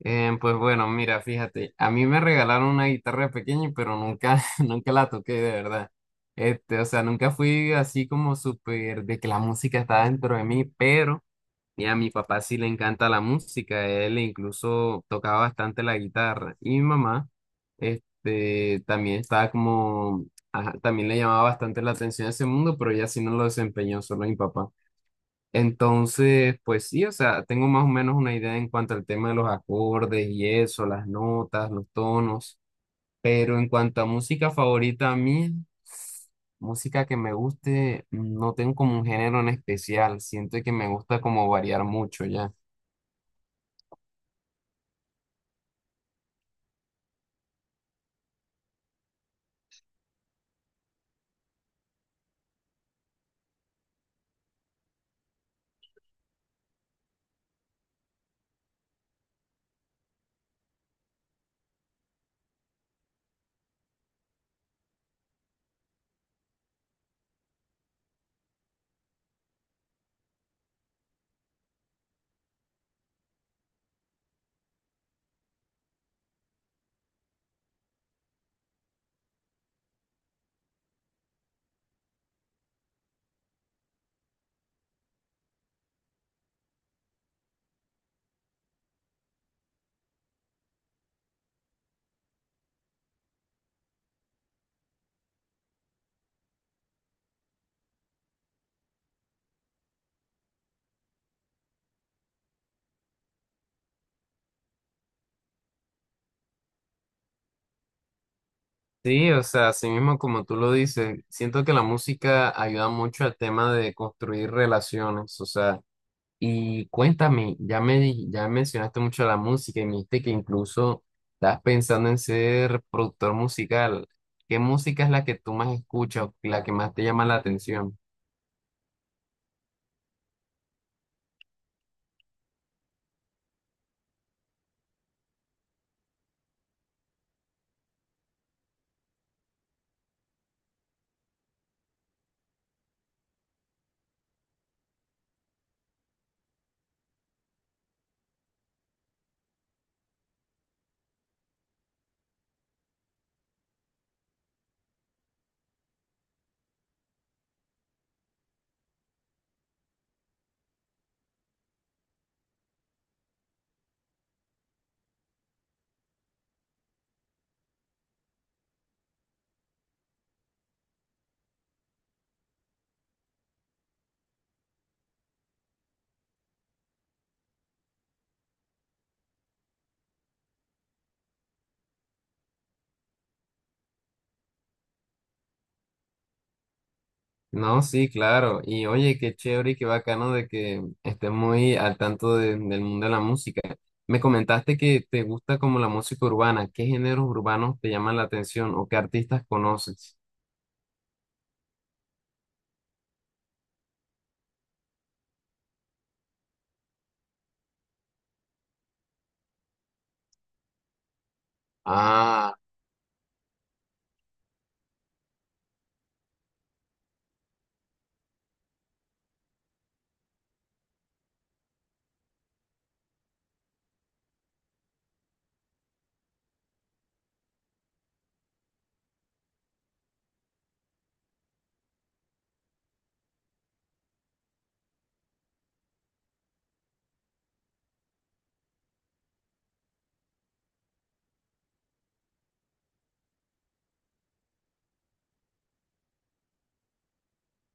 Pues bueno, mira, fíjate, a mí me regalaron una guitarra de pequeño, pero nunca, nunca la toqué de verdad. Este, o sea, nunca fui así como súper de que la música está dentro de mí, pero mira, a mi papá sí le encanta la música, él incluso tocaba bastante la guitarra. Y mi mamá, este, también estaba como, ajá, también le llamaba bastante la atención ese mundo, pero ella sí no lo desempeñó, solo mi papá. Entonces, pues sí, o sea, tengo más o menos una idea en cuanto al tema de los acordes y eso, las notas, los tonos, pero en cuanto a música favorita a mí, música que me guste, no tengo como un género en especial, siento que me gusta como variar mucho ya. Sí, o sea, así mismo como tú lo dices, siento que la música ayuda mucho al tema de construir relaciones, o sea, y cuéntame, ya mencionaste mucho la música y me dijiste que incluso estás pensando en ser productor musical. ¿Qué música es la que tú más escuchas, la que más te llama la atención? No, sí, claro. Y oye, qué chévere y qué bacano de que estés muy al tanto del mundo de la música. Me comentaste que te gusta como la música urbana. ¿Qué géneros urbanos te llaman la atención o qué artistas conoces? Ah.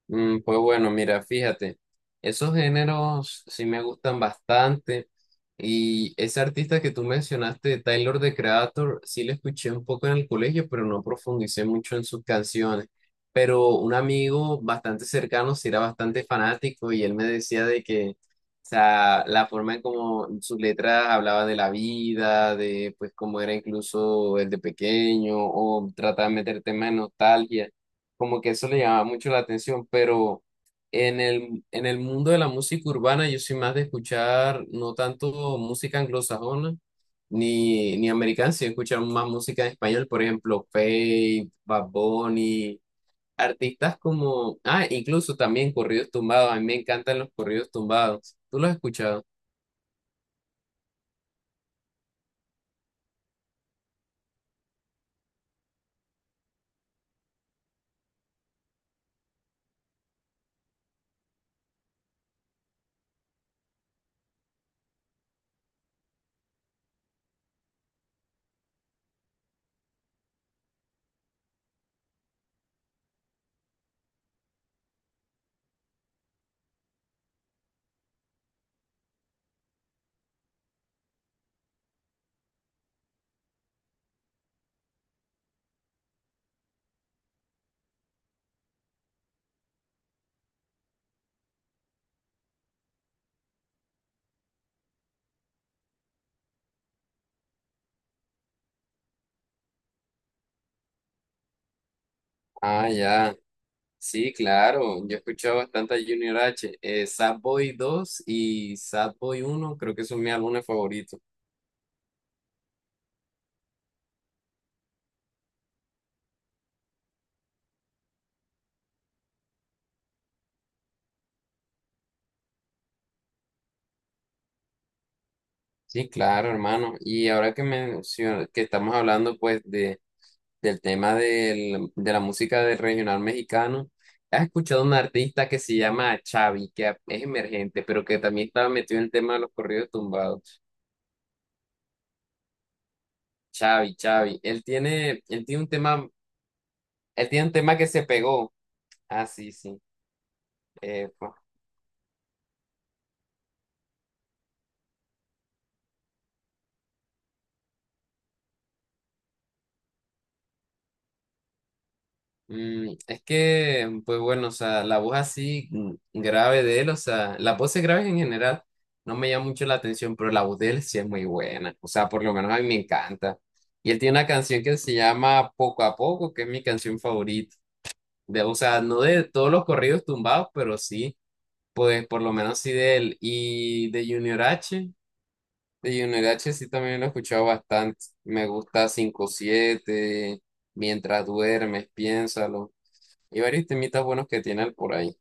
Pues bueno, mira, fíjate, esos géneros sí me gustan bastante y ese artista que tú mencionaste, Tyler, The Creator, sí le escuché un poco en el colegio, pero no profundicé mucho en sus canciones. Pero un amigo bastante cercano sí era bastante fanático y él me decía de que, o sea, la forma en cómo sus letras hablaba de la vida, de pues cómo era incluso el de pequeño o trataba de meter temas de nostalgia como que eso le llamaba mucho la atención, pero en el mundo de la música urbana yo soy más de escuchar no tanto música anglosajona ni americana, sino escuchar más música en español, por ejemplo, Faith, Bad Bunny, artistas como, ah, incluso también corridos tumbados, a mí me encantan los corridos tumbados. ¿Tú los has escuchado? Ah, ya. Sí, claro, yo he escuchado bastante a Junior H, Sad Boy 2 y Sad Boy 1 creo que son mis álbumes favoritos. Sí, claro, hermano. Y que estamos hablando pues de, de la música del regional mexicano, ¿has escuchado un artista que se llama Chavi, es emergente, pero que también estaba metido en el tema de los corridos tumbados? Chavi, Chavi. Él tiene un tema, él tiene un tema que se pegó. Ah, sí, sí. Eh, es que, pues bueno, o sea, la voz así grave de él, o sea, las voces graves en general no me llama mucho la atención, pero la voz de él sí es muy buena, o sea, por lo menos a mí me encanta. Y él tiene una canción que se llama Poco a Poco, que es mi canción favorita, de, o sea, no de todos los corridos tumbados, pero sí, pues por lo menos sí de él. Y de Junior H sí también lo he escuchado bastante, me gusta 5/7. Mientras duermes, piénsalo. Y varios temitas buenos que tiene él por ahí.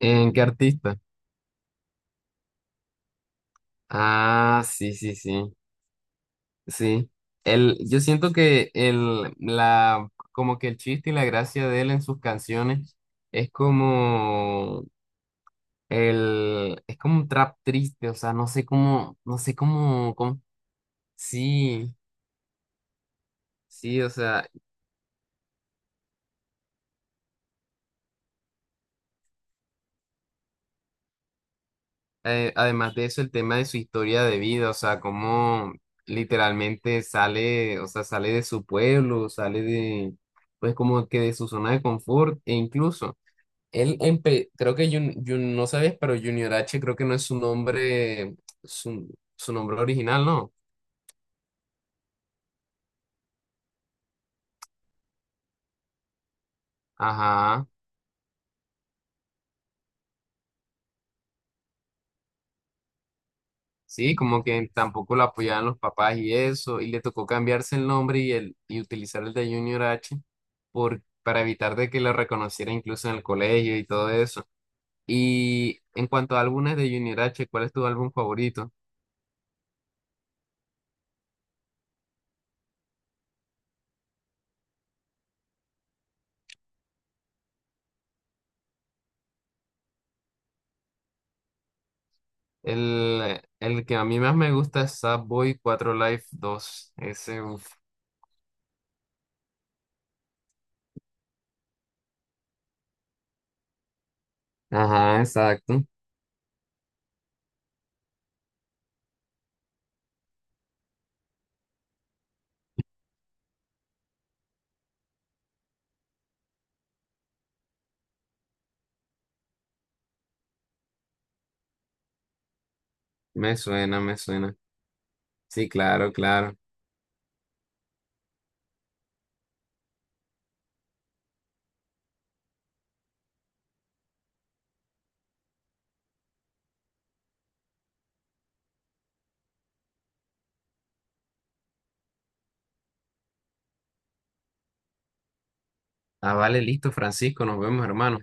¿En qué artista? Ah, sí, sí, sí, sí. Yo siento que como que el chiste y la gracia de él en sus canciones es como es como un trap triste, o sea, no sé cómo, no sé cómo, cómo, sí, sí, o sea, eh, además de eso, el tema de su historia de vida, o sea, cómo literalmente sale, o sea, sale de, pues como que de su zona de confort, e incluso, él, empe- creo que, Jun- Jun- no sabes, pero Junior H creo que no es su nombre, su, su nombre original, ¿no? Ajá, sí, como que tampoco lo apoyaban los papás y eso, y le tocó cambiarse el nombre y utilizar el de Junior H por, para evitar de que lo reconociera incluso en el colegio y todo eso. Y en cuanto a álbumes de Junior H, ¿cuál es tu álbum favorito? El que a mí más me gusta es Sad Boy 4 Life 2. Ese, uff. Ajá, exacto. Me suena, me suena. Sí, claro, claro. Ah, vale, listo, Francisco. Nos vemos, hermano.